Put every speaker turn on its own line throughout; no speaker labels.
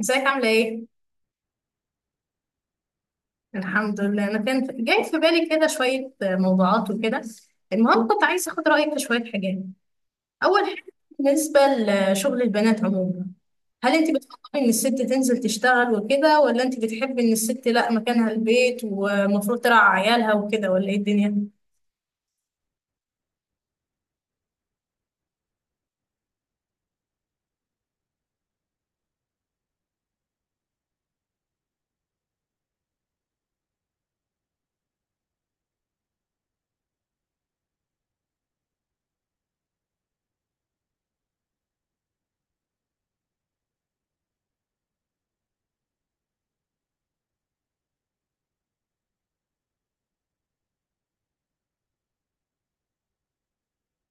ازيك عاملة ايه؟ الحمد لله. انا جاي في بالي كده شوية موضوعات وكده. المهم كنت عايزة اخد رأيك في شوية حاجات. اول حاجة، بالنسبة لشغل البنات عموما، هل انت بتفضلي ان الست تنزل تشتغل وكده، ولا انت بتحبي ان الست لا مكانها البيت ومفروض ترعى عيالها وكده، ولا ايه الدنيا؟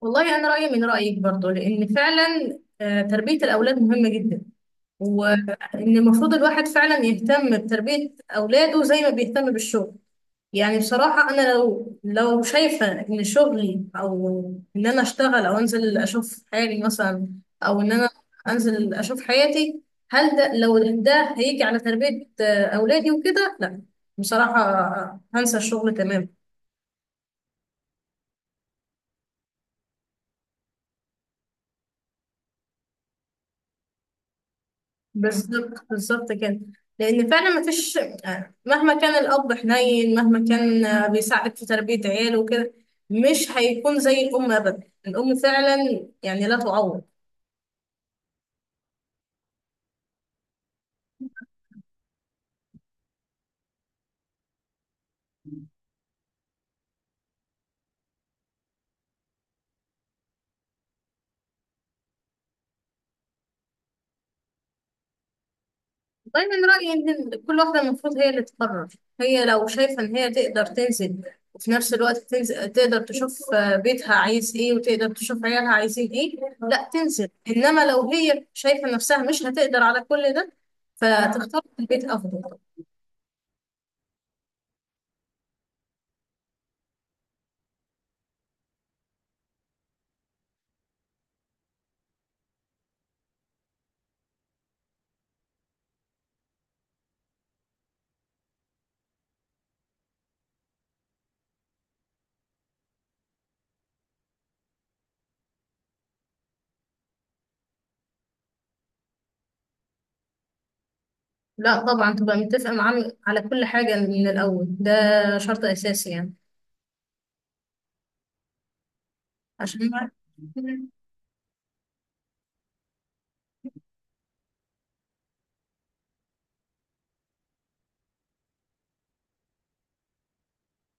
والله انا رأيي من رأيك برضو، لان فعلا تربية الاولاد مهمة جدا. وان المفروض الواحد فعلا يهتم بتربية اولاده زي ما بيهتم بالشغل. يعني بصراحة أنا لو شايفة إن شغلي أو إن أنا أشتغل أو أنزل أشوف حالي مثلا، أو إن أنا أنزل أشوف حياتي، هل ده، لو ده هيجي على تربية أولادي وكده، لا، بصراحة هنسى الشغل تماما. بالظبط، بالظبط كده. لأن فعلا مفيش، مهما كان الأب حنين، مهما كان بيساعد في تربية عياله وكده، مش هيكون زي الأم أبدا. الأم فعلا يعني لا تعوض. والله من رأيي إن كل واحدة المفروض هي اللي تقرر. هي لو شايفة إن هي تقدر تنزل، وفي نفس الوقت تنزل تقدر تشوف بيتها عايز إيه، وتقدر تشوف عيالها عايزين إيه، لا تنزل. إنما لو هي شايفة نفسها مش هتقدر على كل ده، فتختار البيت أفضل. لا طبعا، تبقى متفقة معاه على كل حاجة من الأول. ده شرط أساسي يعني. عشان،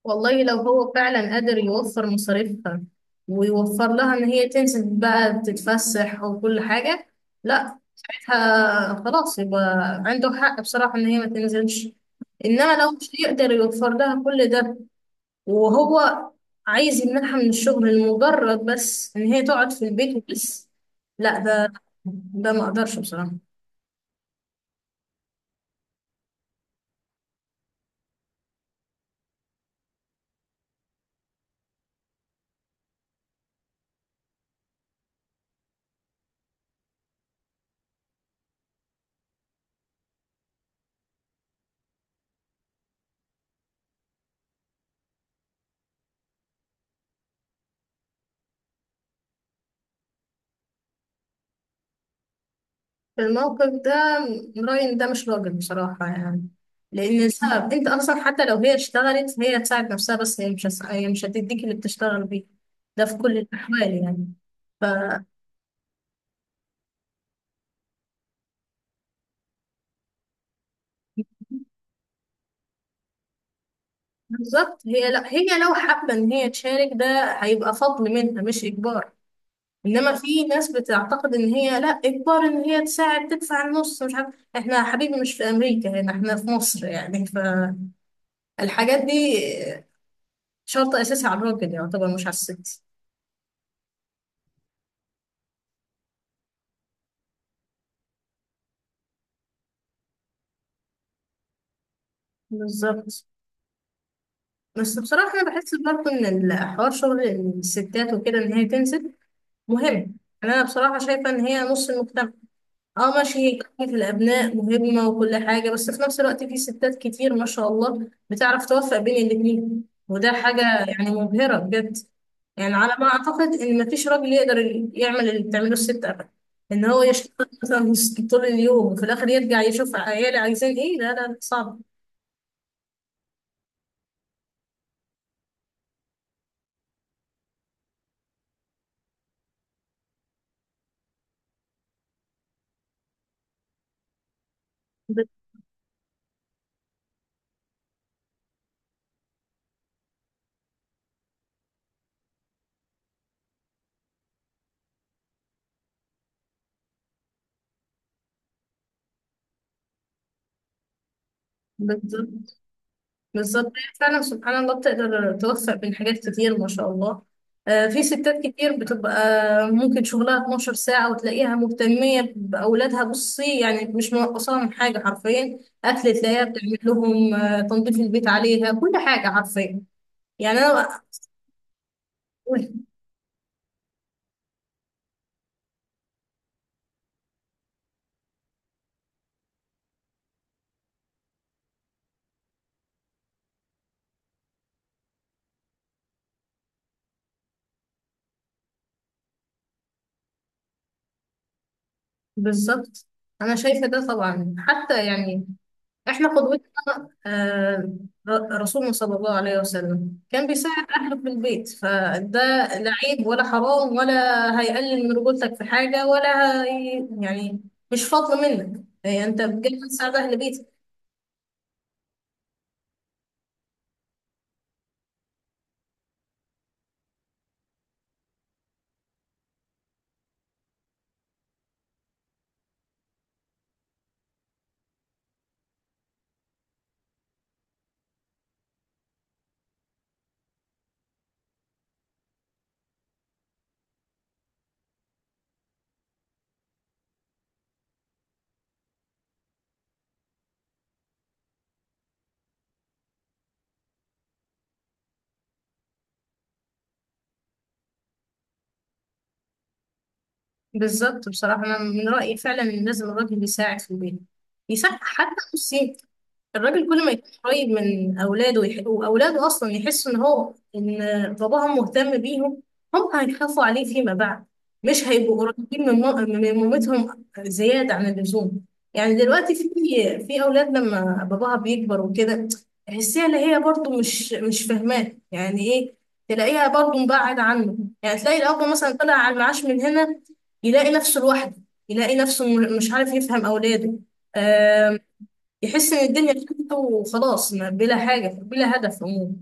والله لو هو فعلا قادر يوفر مصاريفها، ويوفر لها ان هي تنزل بقى تتفسح وكل حاجة، لا، ساعتها خلاص يبقى عنده حق بصراحة ان هي ما تنزلش. انما لو مش يقدر يوفر لها كل ده، وهو عايز يمنعها من الشغل لمجرد بس ان هي تقعد في البيت وبس، لا ده ما اقدرش بصراحة. في الموقف ده، رأيي إن ده مش راجل بصراحة يعني. لأن السبب أنت أصلا، حتى لو هي اشتغلت هي هتساعد نفسها، بس هي مش هس- هي مش هتديك اللي بتشتغل بيه. ده في كل الأحوال يعني. فبالظبط، هي لا، هي لو حابة إن هي تشارك، ده هيبقى فضل منها، مش إجبار. إنما في ناس بتعتقد إن هي لا، إجبار إن هي تساعد تدفع النص. مش عارف، إحنا يا حبيبي مش في أمريكا، هنا إحنا في مصر يعني. فالحاجات دي شرط أساسي على الراجل يعتبر، مش على الست. بالظبط. بس بصراحة أنا بحس برضه إن الحوار، شغل الستات وكده، إن هي تنزل، مهم. يعني أنا بصراحة شايفة إن هي نص المجتمع. أه ماشي، هي كافة الأبناء مهمة وكل حاجة، بس في نفس الوقت في ستات كتير ما شاء الله بتعرف توفق بين الاتنين، وده حاجة يعني مبهرة بجد. يعني على ما أعتقد إن مفيش راجل يقدر يعمل اللي بتعمله الست أبدا. إن هو يشتغل مثلا طول اليوم، وفي الآخر يرجع يشوف عياله عايزين إيه، لا لا، صعب. بالظبط، بالظبط. هي فعلا سبحان الله بتقدر توفق بين حاجات كتير ما شاء الله. في ستات كتير بتبقى ممكن شغلها 12 ساعة، وتلاقيها مهتمية بأولادها. بصي يعني مش منقصاها من حاجة حرفيا. أكل تلاقيها بتعمل لهم، تنظيف البيت عليها، كل حاجة حرفيا. يعني أنا، بالظبط. أنا شايفة ده طبعا، حتى يعني احنا قدوتنا آه، رسولنا صلى الله عليه وسلم كان بيساعد اهله في البيت. فده لا عيب ولا حرام، ولا هيقلل من رجولتك في حاجه ولا هي يعني. مش فضل منك يعني، انت بجد بتساعد اهل بيتك. بالظبط. بصراحه انا من رايي فعلا ان لازم الراجل يساعد في البيت، يساعد حتى نص ساعة. الراجل كل ما يكون قريب من اولاده واولاده اصلا يحسوا ان هو ان باباهم مهتم بيهم، هم هيخافوا عليه فيما بعد. مش هيبقوا قريبين من من مامتهم زياده عن اللزوم. يعني دلوقتي في اولاد لما باباها بيكبر وكده، تحسيها اللي هي برضو مش فاهماه يعني ايه. تلاقيها برضو مبعد عنه. يعني تلاقي الاب مثلا طلع على المعاش من هنا، يلاقي نفسه لوحده، يلاقي نفسه مش عارف يفهم اولاده. يحس ان الدنيا خفيفه وخلاص، بلا حاجه بلا هدف عموما.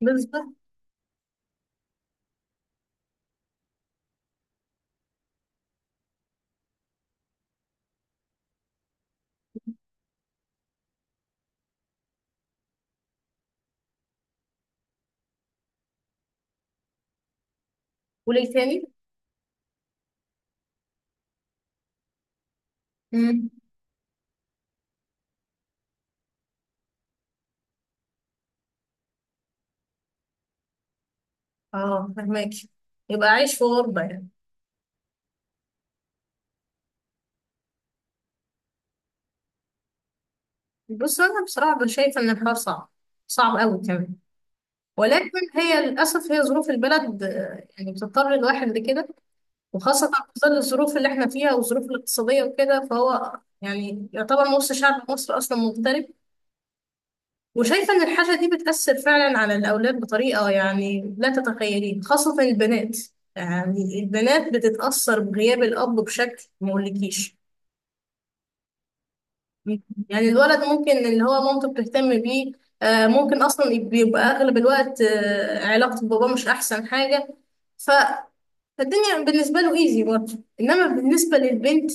بالظبط. وليه تاني؟ امم. اه، فهماك، يبقى عايش في غربه يعني. بص انا بصراحه شايفه ان الحوار صعب، صعب قوي كمان. ولكن هي للاسف هي ظروف البلد، يعني بتضطر الواحد لكده. وخاصه في ظل الظروف اللي احنا فيها، والظروف الاقتصاديه وكده، فهو يعني يعتبر نص شعب مصر اصلا مغترب. وشايفة إن الحاجة دي بتأثر فعلا على الأولاد بطريقة يعني لا تتخيلين، خاصة البنات. يعني البنات بتتأثر بغياب الأب بشكل ما أقولكيش. يعني الولد ممكن اللي هو مامته بتهتم بيه، ممكن أصلا بيبقى أغلب الوقت علاقته بباباه مش أحسن حاجة. ف- فالدنيا بالنسبة له إيزي برضه، إنما بالنسبة للبنت،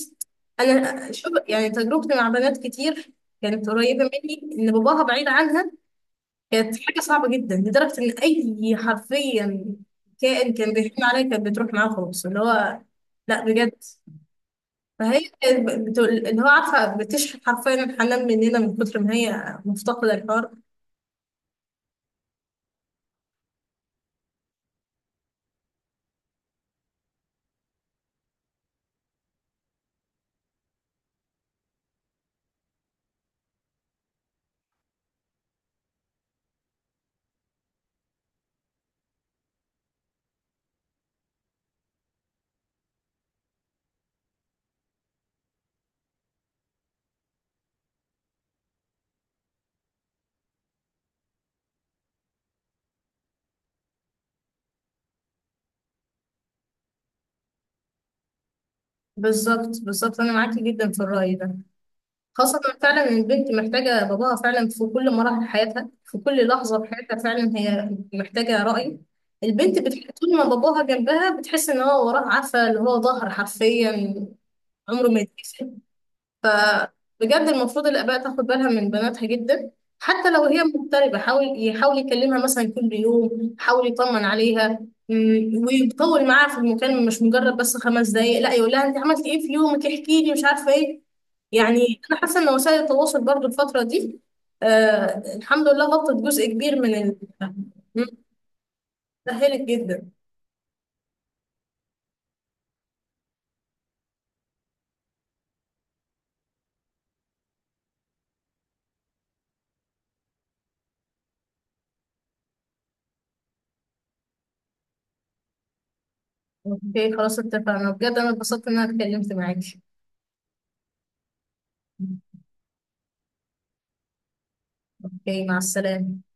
أنا شوف يعني تجربتي مع بنات كتير كانت قريبة مني إن باباها بعيد عنها، كانت حاجة صعبة جدا، لدرجة إن أي حرفيا كائن كان بيحكم عليا كانت بتروح معاه خالص. اللي هو، لا بجد. فهي كانت بتقول اللي هو، عارفة بتشحن حرفيا الحنان مننا، من كتر ما هي مفتقدة الحوار. بالظبط، بالظبط. أنا معاكي جدا في الرأي ده، خاصة فعلا إن البنت محتاجة باباها فعلا في كل مراحل حياتها، في كل لحظة في حياتها فعلا هي محتاجة رأي. طول ما باباها جنبها بتحس إن هو وراها، عارفة اللي هو، ظهر حرفيا عمره ما يتكسر. فبجد المفروض الآباء تاخد بالها من بناتها جدا. حتى لو هي مغتربة، حاول، يحاول يكلمها مثلا كل يوم، حاول يطمن عليها، مم، ويطول معاها في المكالمة، مش مجرد بس 5 دقايق. لا، يقول لها انت عملتي ايه في يومك، احكي لي، مش عارفة ايه. يعني انا حاسة ان وسائل التواصل برضو الفترة دي، آه الحمد لله غطت جزء كبير من مم، سهلت جدا. اوكي خلاص، اتفقنا. بجد انا اتبسطت ان انا اتكلمت معاكي. اوكي، مع السلامة.